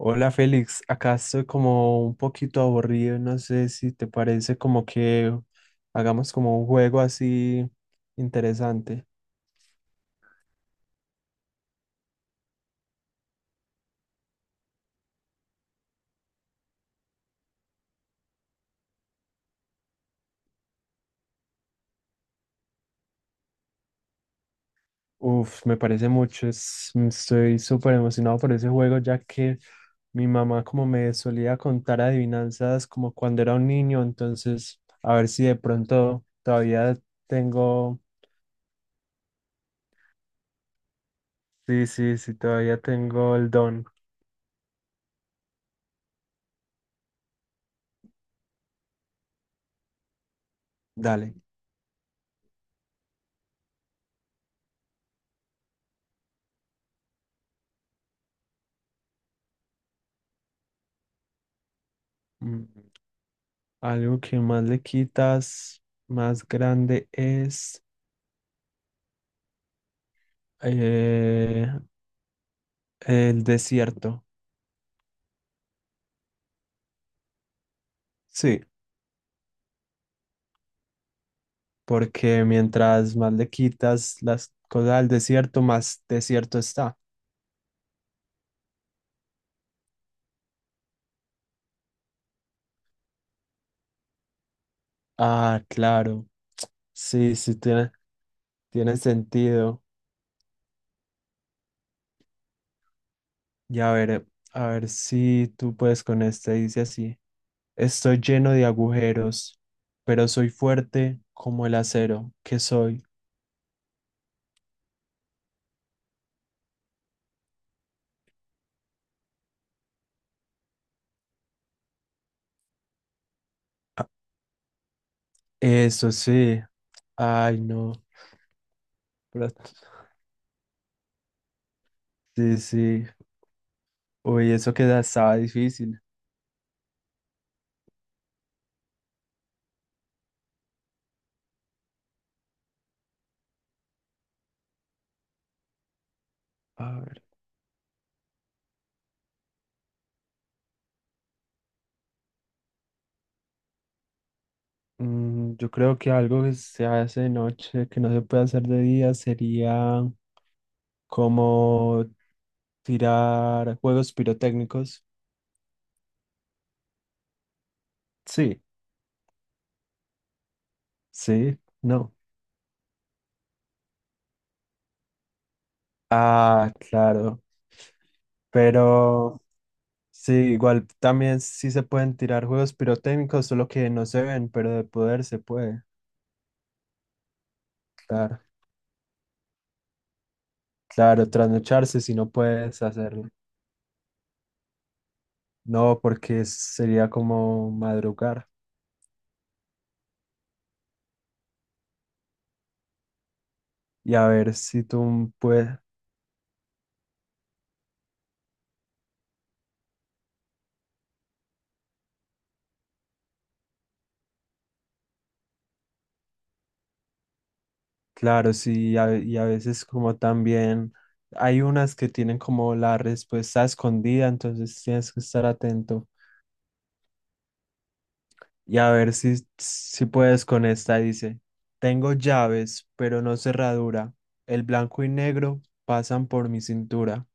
Hola Félix, acá estoy como un poquito aburrido, no sé si te parece como que hagamos como un juego así interesante. Uf, me parece mucho, estoy súper emocionado por ese juego ya que mi mamá como me solía contar adivinanzas como cuando era un niño, entonces a ver si de pronto todavía tengo, sí, sí, sí, todavía tengo el don. Dale. Mm. Algo que más le quitas, más grande es eh, el desierto. Sí, porque mientras más le quitas las cosas al desierto, más desierto está. Ah, claro. Sí, sí, tiene sentido. Y a ver si tú puedes con este. Dice así. Estoy lleno de agujeros, pero soy fuerte como el acero que soy. Eso sí. Ay, no. Pero sí, sí. Uy, eso que estaba difícil. A ver, yo creo que algo que se hace de noche, que no se puede hacer de día, sería como tirar juegos pirotécnicos. Sí, sí, no. Ah, claro. Pero sí, igual también sí se pueden tirar juegos pirotécnicos, solo que no se ven, pero de poder se puede. Claro, claro, trasnocharse si no puedes hacerlo. No, porque sería como madrugar y a ver si tú puedes, claro, sí, a- y a veces como también hay unas que tienen como la respuesta escondida, entonces tienes que estar atento y a ver si, si puedes con esta, dice, tengo llaves, pero no cerradura, el blanco y negro pasan por mi cintura.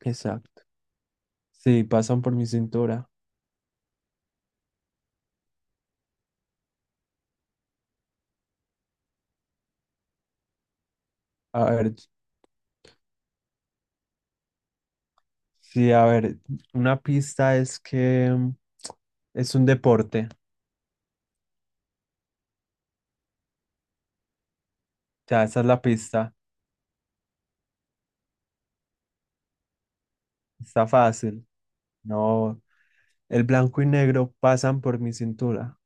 Exacto. Sí, pasan por mi cintura. A ver, sí, a ver, una pista es que es un deporte. Ya, esa es la pista. Está fácil. No, el blanco y negro pasan por mi cintura.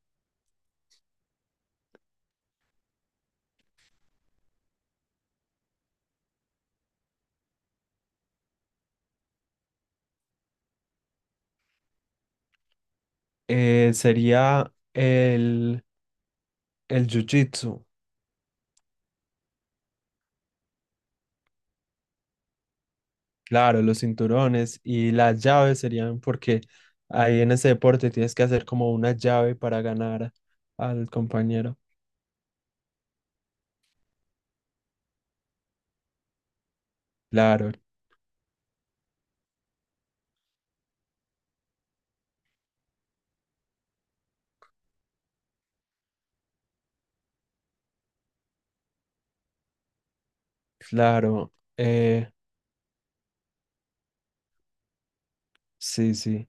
Sería el jiu-jitsu. Claro, los cinturones y las llaves serían porque ahí en ese deporte tienes que hacer como una llave para ganar al compañero. Claro, claro. Sí, sí.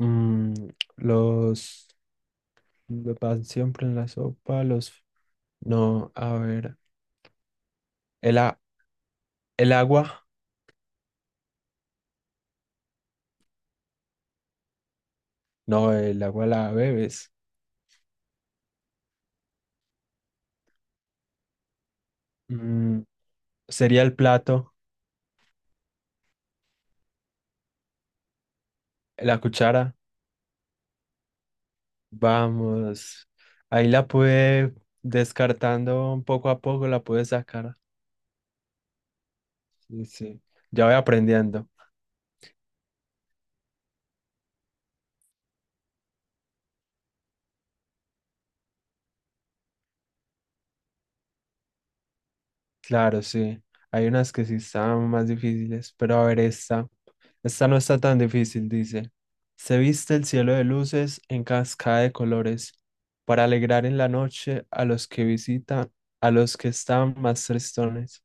Mm, los... Lo pan siempre en la sopa, los... No, a ver. El, a- el agua. No, el agua la bebes. Mm, sería el plato, la cuchara. Vamos. Ahí la pude descartando poco a poco, la pude sacar. Sí, sí. Ya voy aprendiendo. Claro, sí. Hay unas que sí están más difíciles, pero a ver esta. Esta no está tan difícil, dice. Se viste el cielo de luces en cascada de colores para alegrar en la noche a los que visitan, a los que están más tristones.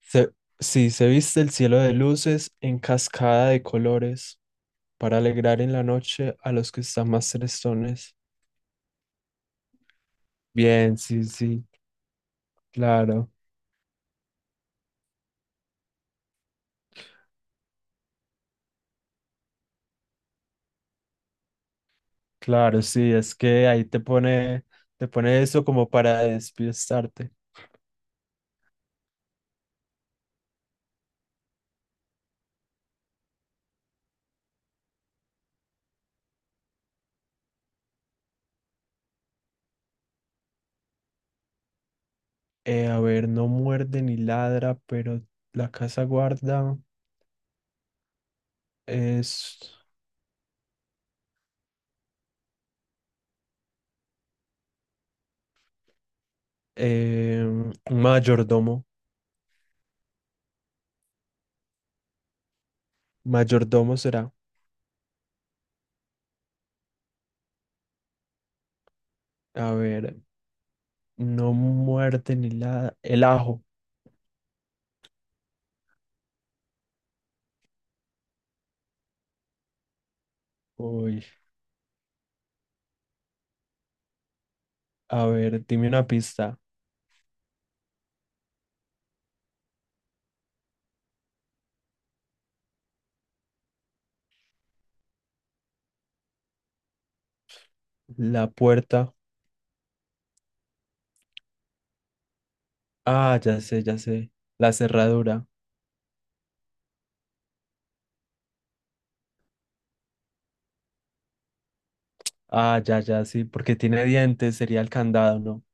Se, sí, se viste el cielo de luces en cascada de colores para alegrar en la noche a los que están más tristones. Bien, sí, sí, claro. Claro, sí, es que ahí te pone eso como para despistarte. A ver, no muerde ni ladra, pero la casa guarda es un mayordomo. Mayordomo será. A ver, no muerde ni ladra. El ajo. Uy, a ver, dime una pista. La puerta. Ah, ya sé, ya sé. La cerradura. Ah, ya, ya, sí, porque tiene dientes, sería el candado, ¿no?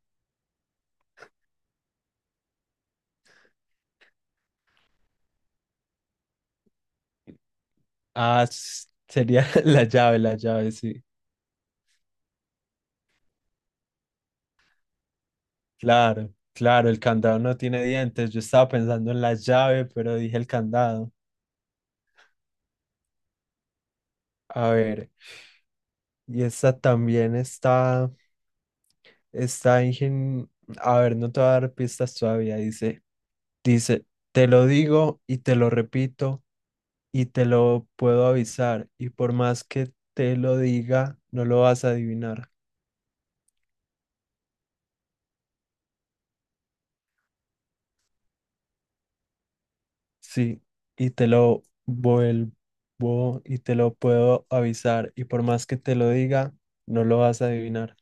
Ah, sería la llave, sí. Claro, claro, el candado no tiene dientes. Yo estaba pensando en la llave, pero dije el candado. A ver, y esta también está, está ingen... A ver, no te voy a dar pistas todavía. Dice, dice, te lo digo y te lo repito y te lo puedo avisar. Y por más que te lo diga, no lo vas a adivinar. Sí, y te lo vuelvo y te lo puedo avisar. Y por más que te lo diga, no lo vas a adivinar.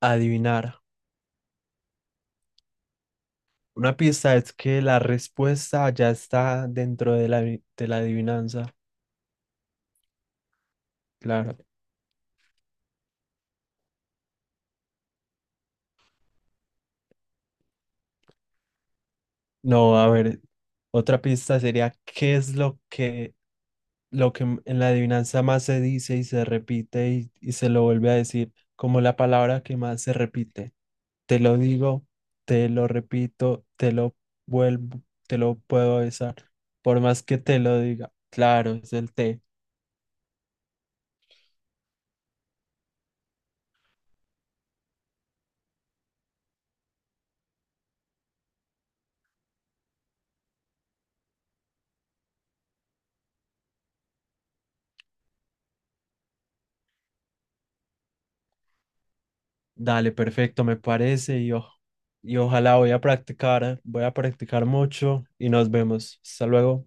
Adivinar. Una pista es que la respuesta ya está dentro de la, de la adivinanza. Claro. No, a ver, otra pista sería, ¿qué es lo que en la adivinanza más se dice y se repite y se lo vuelve a decir, como la palabra que más se repite. Te lo digo, te lo repito, te lo vuelvo, te lo puedo besar, por más que te lo diga. Claro, es el té. Dale, perfecto, me parece y, y ojalá voy a practicar mucho y nos vemos. Hasta luego.